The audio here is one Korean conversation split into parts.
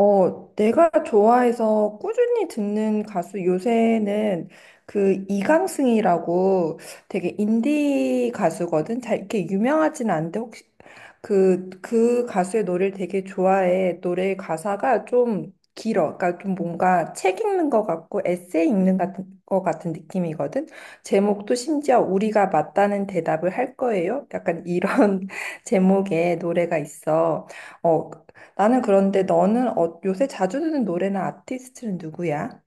내가 좋아해서 꾸준히 듣는 가수 요새는 그 이강승이라고 되게 인디 가수거든. 잘 이렇게 유명하진 않은데 혹시 그 가수의 노래를 되게 좋아해. 노래 가사가 좀 길어. 그러니까 좀 뭔가 책 읽는 것 같고 에세이 읽는 것 같은 느낌이거든. 제목도 심지어 우리가 맞다는 대답을 할 거예요. 약간 이런 제목의 노래가 있어. 어, 나는 그런데 너는 요새 자주 듣는 노래나 아티스트는 누구야?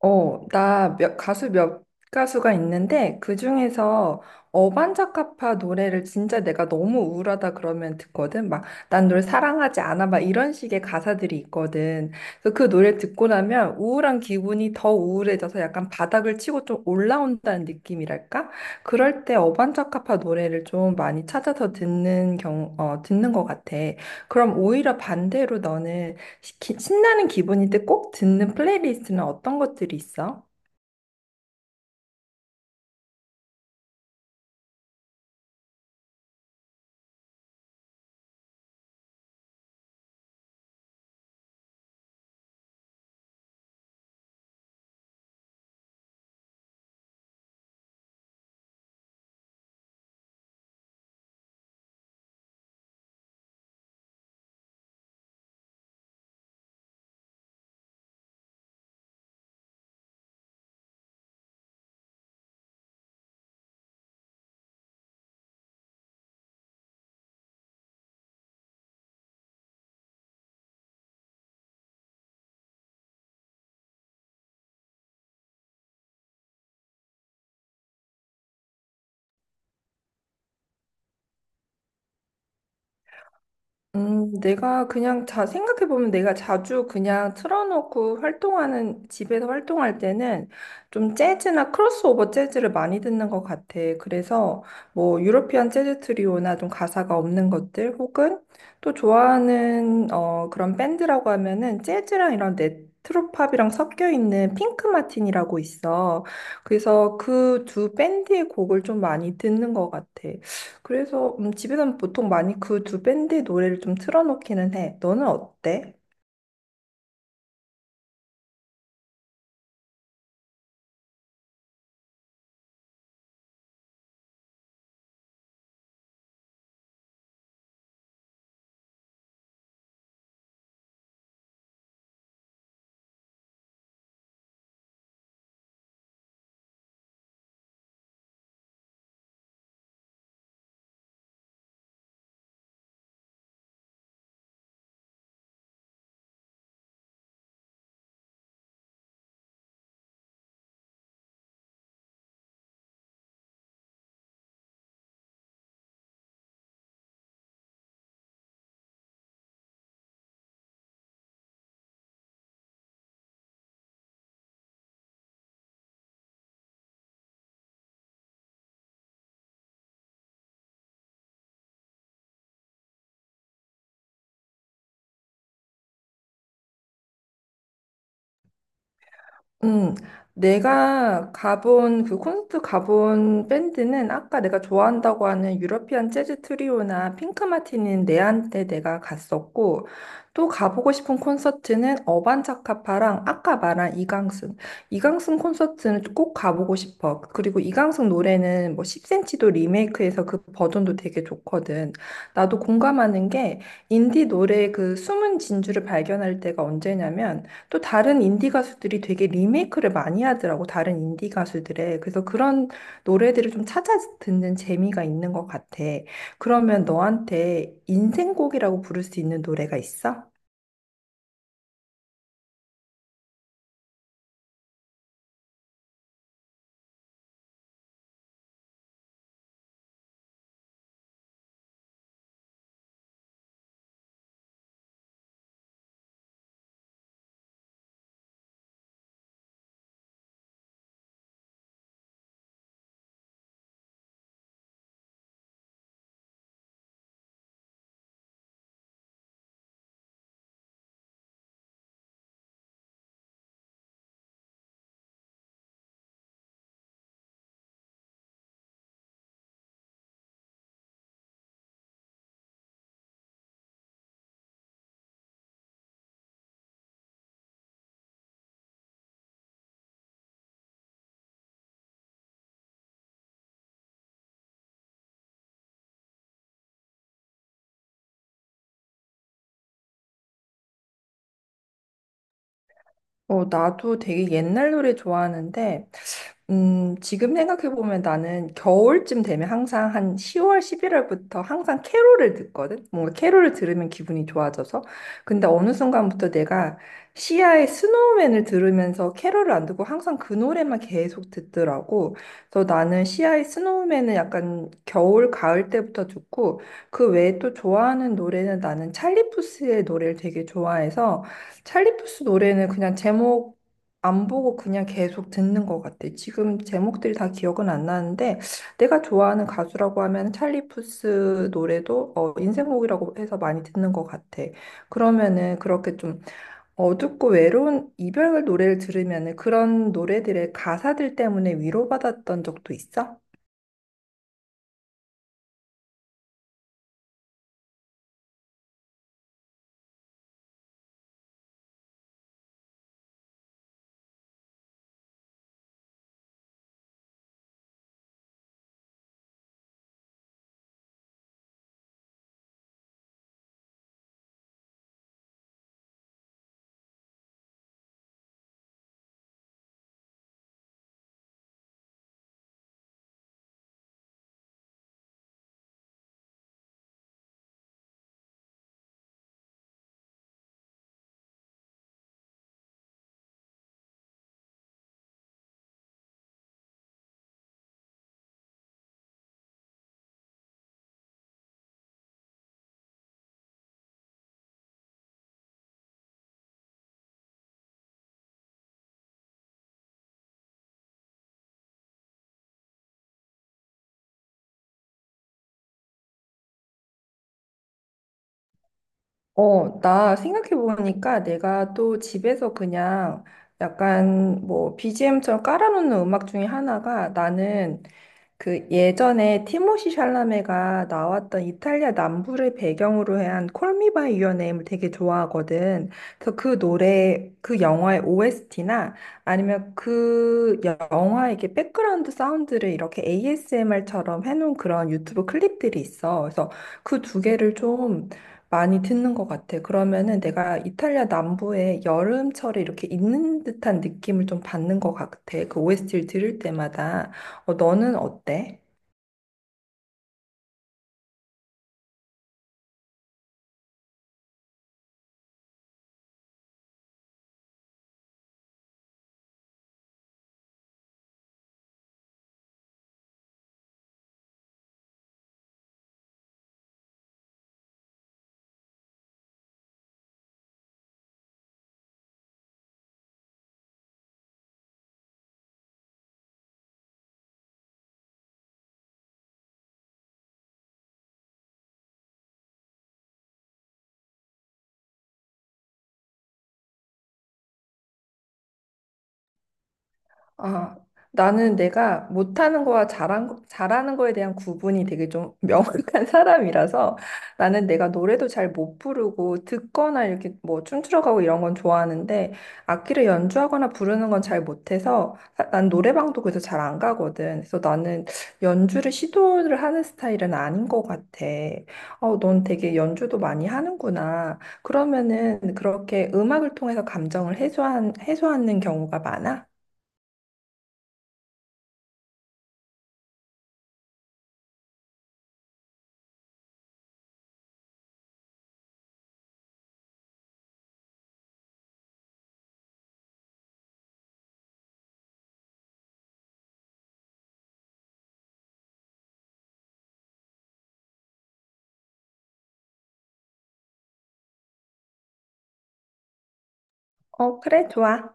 나 가수가 있는데 그중에서 어반자카파 노래를 진짜 내가 너무 우울하다 그러면 듣거든. 막 난 널 사랑하지 않아 막 이런 식의 가사들이 있거든. 그래서 그 노래 듣고 나면 우울한 기분이 더 우울해져서 약간 바닥을 치고 좀 올라온다는 느낌이랄까? 그럴 때 어반자카파 노래를 좀 많이 찾아서 듣는 것 같아. 그럼 오히려 반대로 너는 신나는 기분일 때 꼭 듣는 플레이리스트는 어떤 것들이 있어? 내가 그냥 생각해보면 내가 자주 그냥 틀어놓고 활동하는, 집에서 활동할 때는 좀 재즈나 크로스오버 재즈를 많이 듣는 것 같아. 그래서 뭐 유러피안 재즈 트리오나 좀 가사가 없는 것들 혹은 또 좋아하는 그런 밴드라고 하면은 재즈랑 이런 네트로팝이랑 섞여 있는 핑크 마틴이라고 있어. 그래서 그 두 밴드의 곡을 좀 많이 듣는 것 같아. 그래서 집에서는 보통 많이 그 두 밴드의 노래를 좀 틀어놓기는 해. 너는 어때? 음, 내가 가본, 그 콘서트 가본 밴드는 아까 내가 좋아한다고 하는 유러피안 재즈 트리오나 핑크 마티닌 내한테 내가 갔었고, 또 가보고 싶은 콘서트는 어반자카파랑 아까 말한 이강승. 이강승 콘서트는 꼭 가보고 싶어. 그리고 이강승 노래는 뭐 10cm도 리메이크해서 그 버전도 되게 좋거든. 나도 공감하는 게 인디 노래의 그 숨은 진주를 발견할 때가 언제냐면, 또 다른 인디 가수들이 되게 리메이크를 많이 하더라고, 다른 인디 가수들의. 그래서 그런 노래들을 좀 찾아 듣는 재미가 있는 것 같아. 그러면 너한테 인생곡이라고 부를 수 있는 노래가 있어? 나도 되게 옛날 노래 좋아하는데, 지금 생각해보면 나는 겨울쯤 되면 항상 한 10월, 11월부터 항상 캐롤을 듣거든? 뭔가 캐롤을 들으면 기분이 좋아져서. 근데 어느 순간부터 내가 시아의 스노우맨을 들으면서 캐롤을 안 듣고 항상 그 노래만 계속 듣더라고. 그래서 나는 시아의 스노우맨은 약간 겨울, 가을 때부터 듣고 그 외에 또 좋아하는 노래는 나는 찰리 푸스의 노래를 되게 좋아해서 찰리 푸스 노래는 그냥 제목 안 보고 그냥 계속 듣는 것 같아. 지금 제목들이 다 기억은 안 나는데 내가 좋아하는 가수라고 하면 찰리 푸스 노래도 인생곡이라고 해서 많이 듣는 것 같아. 그러면은 그렇게 좀 어둡고 외로운 이별 노래를 들으면은 그런 노래들의 가사들 때문에 위로받았던 적도 있어? 나 생각해보니까 내가 또 집에서 그냥 약간 뭐 BGM처럼 깔아놓는 음악 중에 하나가 나는 그 예전에 티모시 샬라메가 나왔던 이탈리아 남부를 배경으로 한 콜미 바이 유어 네임을 되게 좋아하거든. 그래서 그 노래, 그 영화의 OST나 아니면 그 영화의 이렇게 백그라운드 사운드를 이렇게 ASMR처럼 해놓은 그런 유튜브 클립들이 있어. 그래서 그 두 개를 좀 많이 듣는 것 같아. 그러면은 내가 이탈리아 남부에 여름철에 이렇게 있는 듯한 느낌을 좀 받는 것 같아. 그 OST를 들을 때마다. 너는 어때? 아, 나는 내가 못하는 거와 잘하는 거에 대한 구분이 되게 좀 명확한 사람이라서 나는 내가 노래도 잘 못 부르고 듣거나 이렇게 뭐 춤추러 가고 이런 건 좋아하는데 악기를 연주하거나 부르는 건 잘 못해서 난 노래방도 그래서 잘 안 가거든. 그래서 나는 연주를 시도를 하는 스타일은 아닌 것 같아. 넌 되게 연주도 많이 하는구나. 그러면은 그렇게 음악을 통해서 감정을 해소하는 경우가 많아? 그래, 좋아.